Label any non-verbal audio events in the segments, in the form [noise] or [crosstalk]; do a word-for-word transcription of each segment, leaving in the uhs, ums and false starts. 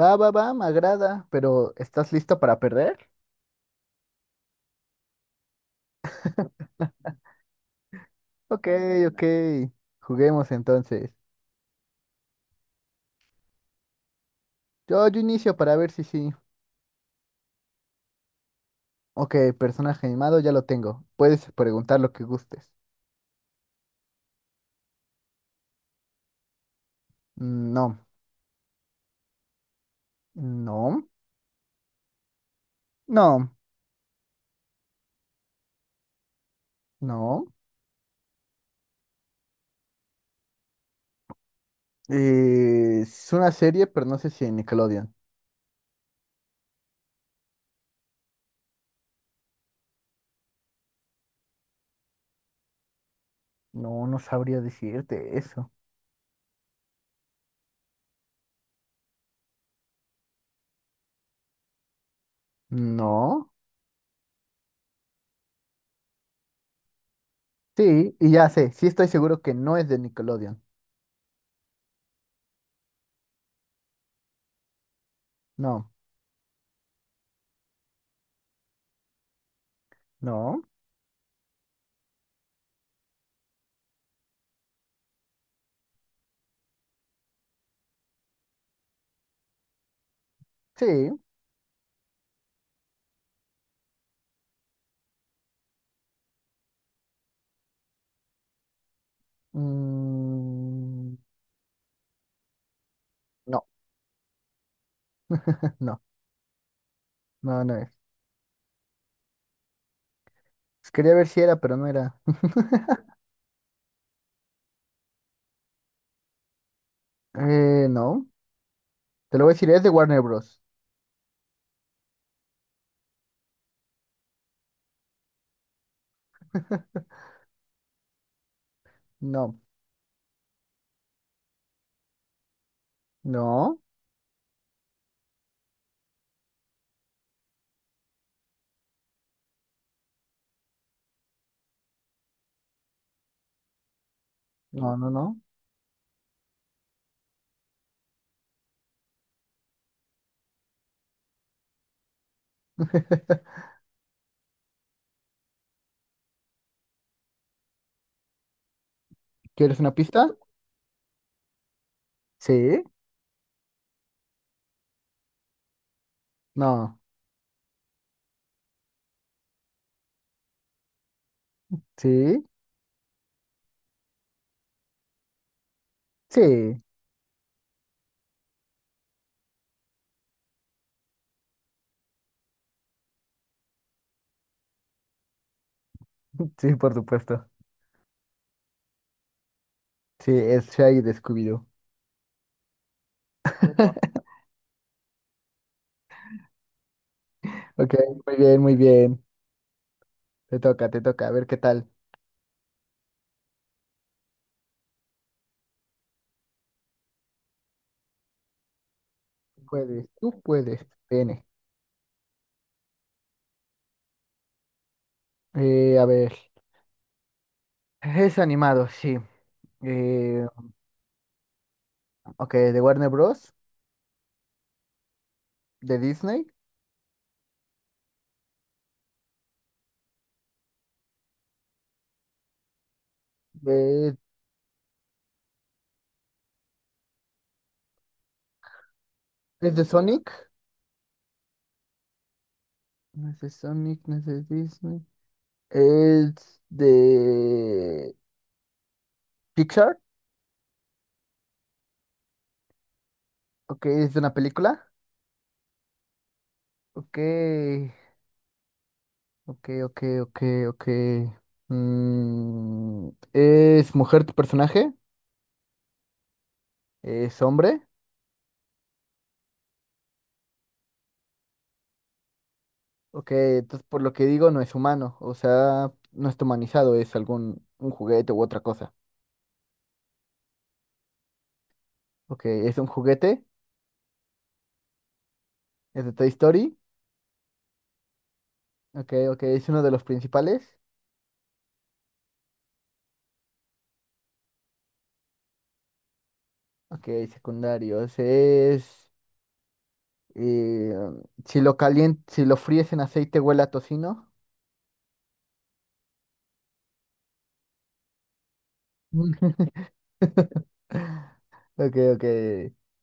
Va, va, va, me agrada, pero ¿estás lista para perder? Ok, ok, juguemos entonces. Yo, yo inicio para ver si sí. Ok, personaje animado ya lo tengo. Puedes preguntar lo que gustes. Mm, no, no, no, no. Eh, es una serie, pero no sé si en Nickelodeon. No, no sabría decirte eso. No, sí, y ya sé, sí estoy seguro que no es de Nickelodeon. No, no, sí, mm, no, [laughs] no. No, no es. Quería ver si era, pero no era. [laughs] Eh, no. Te lo voy a decir, es de Warner Bros. No. No. No, no, no. [laughs] ¿Quieres una pista? Sí. No. Sí. Sí. [laughs] Sí, por supuesto. Sí, es Shaggy de Scooby-Doo. [laughs] Ok, muy bien, muy bien. Te toca, te toca. A ver qué tal. Tú puedes, tú puedes. Viene. Eh, a ver. Es animado, sí. Eh, ok, de Warner Bros. De Disney. De, es de Sonic. No es de Sonic, no es de Disney. Es de Pixar. Ok, es de una película. Ok, ok, ok, ok, ok. Mm, ¿Es mujer tu personaje? ¿Es hombre? Ok, entonces por lo que digo no es humano. O sea, no está humanizado, es algún un juguete u otra cosa. Ok, es un juguete. Es de Toy Story. Ok, ok, es uno de los principales. Ok, secundarios. Es. Y um, si lo calien- si lo fríes en aceite huele a tocino. [laughs] Ok, ok.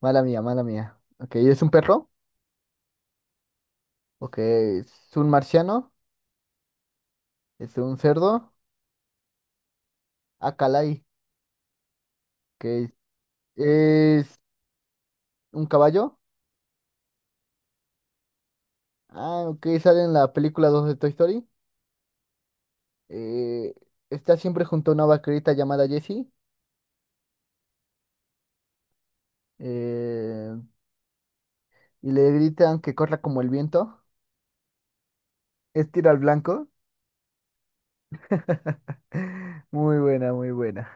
Mala mía, mala mía. Ok, ¿es un perro? Ok, ¿es un marciano? ¿Es un cerdo? Ah, calay. Ok, ¿es un caballo? Ah, ok, sale en la película dos de Toy Story. Eh, Está siempre junto a una vaquerita llamada Jessie. eh, y le gritan que corra como el viento. Es tiro al blanco. [laughs] Muy buena, muy buena.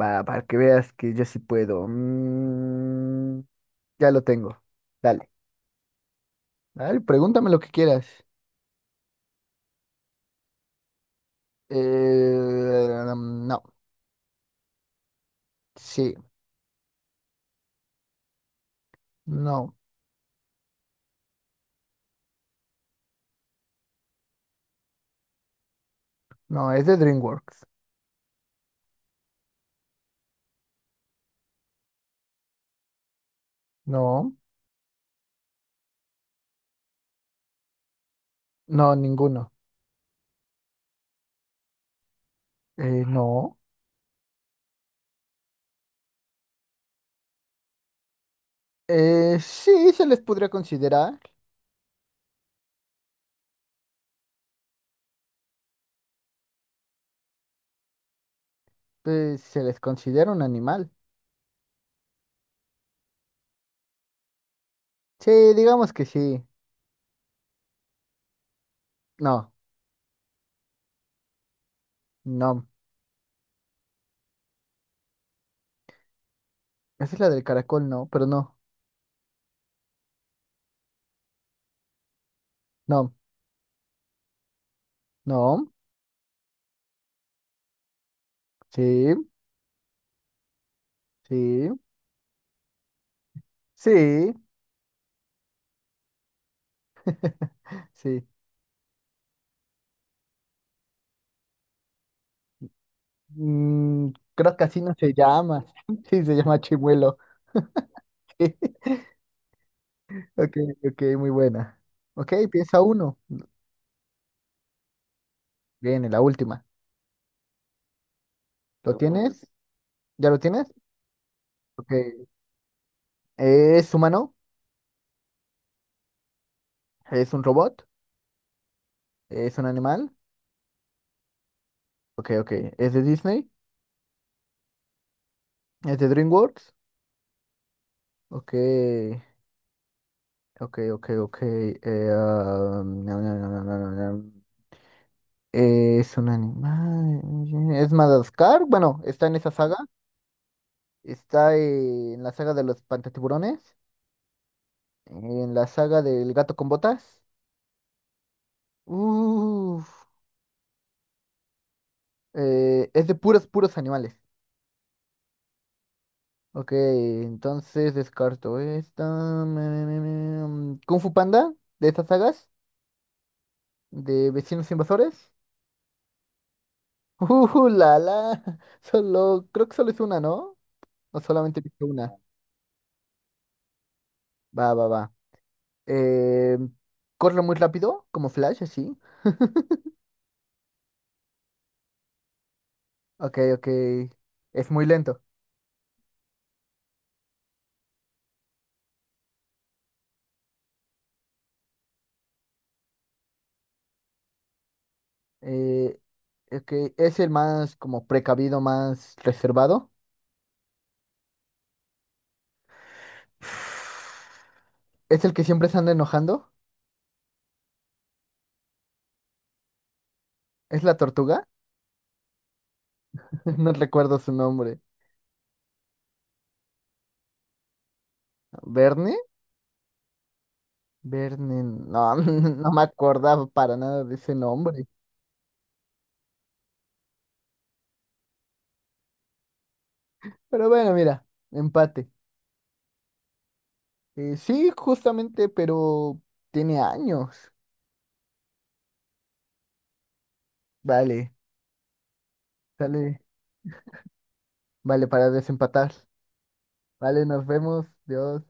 Va, para que veas que yo sí puedo. Mm, ya lo tengo. Dale. Dale, pregúntame lo que quieras. Eh, um, no. Sí. No. No, es de DreamWorks. No. No, ninguno. Eh, no. Eh, sí, se les podría considerar. Eh, se les considera un animal. Sí, digamos que sí. No. No. Esa es la del caracol, no. Pero no. No. No. Sí. Sí. Sí. [laughs] Sí. Mm, Creo que así no se llama. [laughs] Sí, se llama chimuelo. [laughs] Ok, ok, muy buena. Ok, piensa uno. Viene la última. ¿Lo tienes? ¿Ya lo tienes? Ok. ¿Es humano? ¿Es un robot? ¿Es un animal? Ok, ok. ¿Es de Disney? ¿Es de DreamWorks? Ok, ok, ok, ok. Eh, ah, no, no, no, no, no, no, no. ¿Es un animal? ¿Es Madagascar? Bueno, ¿está en esa saga? Está eh, en la saga de los Pantatiburones, en la saga del Gato con Botas. Uf, eh, es de puros, puros animales. Ok, entonces descarto esta. me- me- me- mm, Kung Fu Panda, de estas sagas, de Vecinos Invasores. [laughs] Uh, la, la. Solo, creo que solo es una, ¿no? O solamente he visto una. Va, va, va. Eh, Corre muy rápido, como Flash, así. [laughs] Ok, ok. Es muy lento. Eh, es que es el más como precavido, más reservado. Es el que siempre se anda enojando. ¿Es la tortuga? [laughs] No recuerdo su nombre. ¿Verne? Verne, no, [laughs] no me acordaba para nada de ese nombre. Pero bueno, mira, empate. Eh, sí, justamente, pero tiene años. Vale, sale, vale para desempatar. Vale, nos vemos. Dios.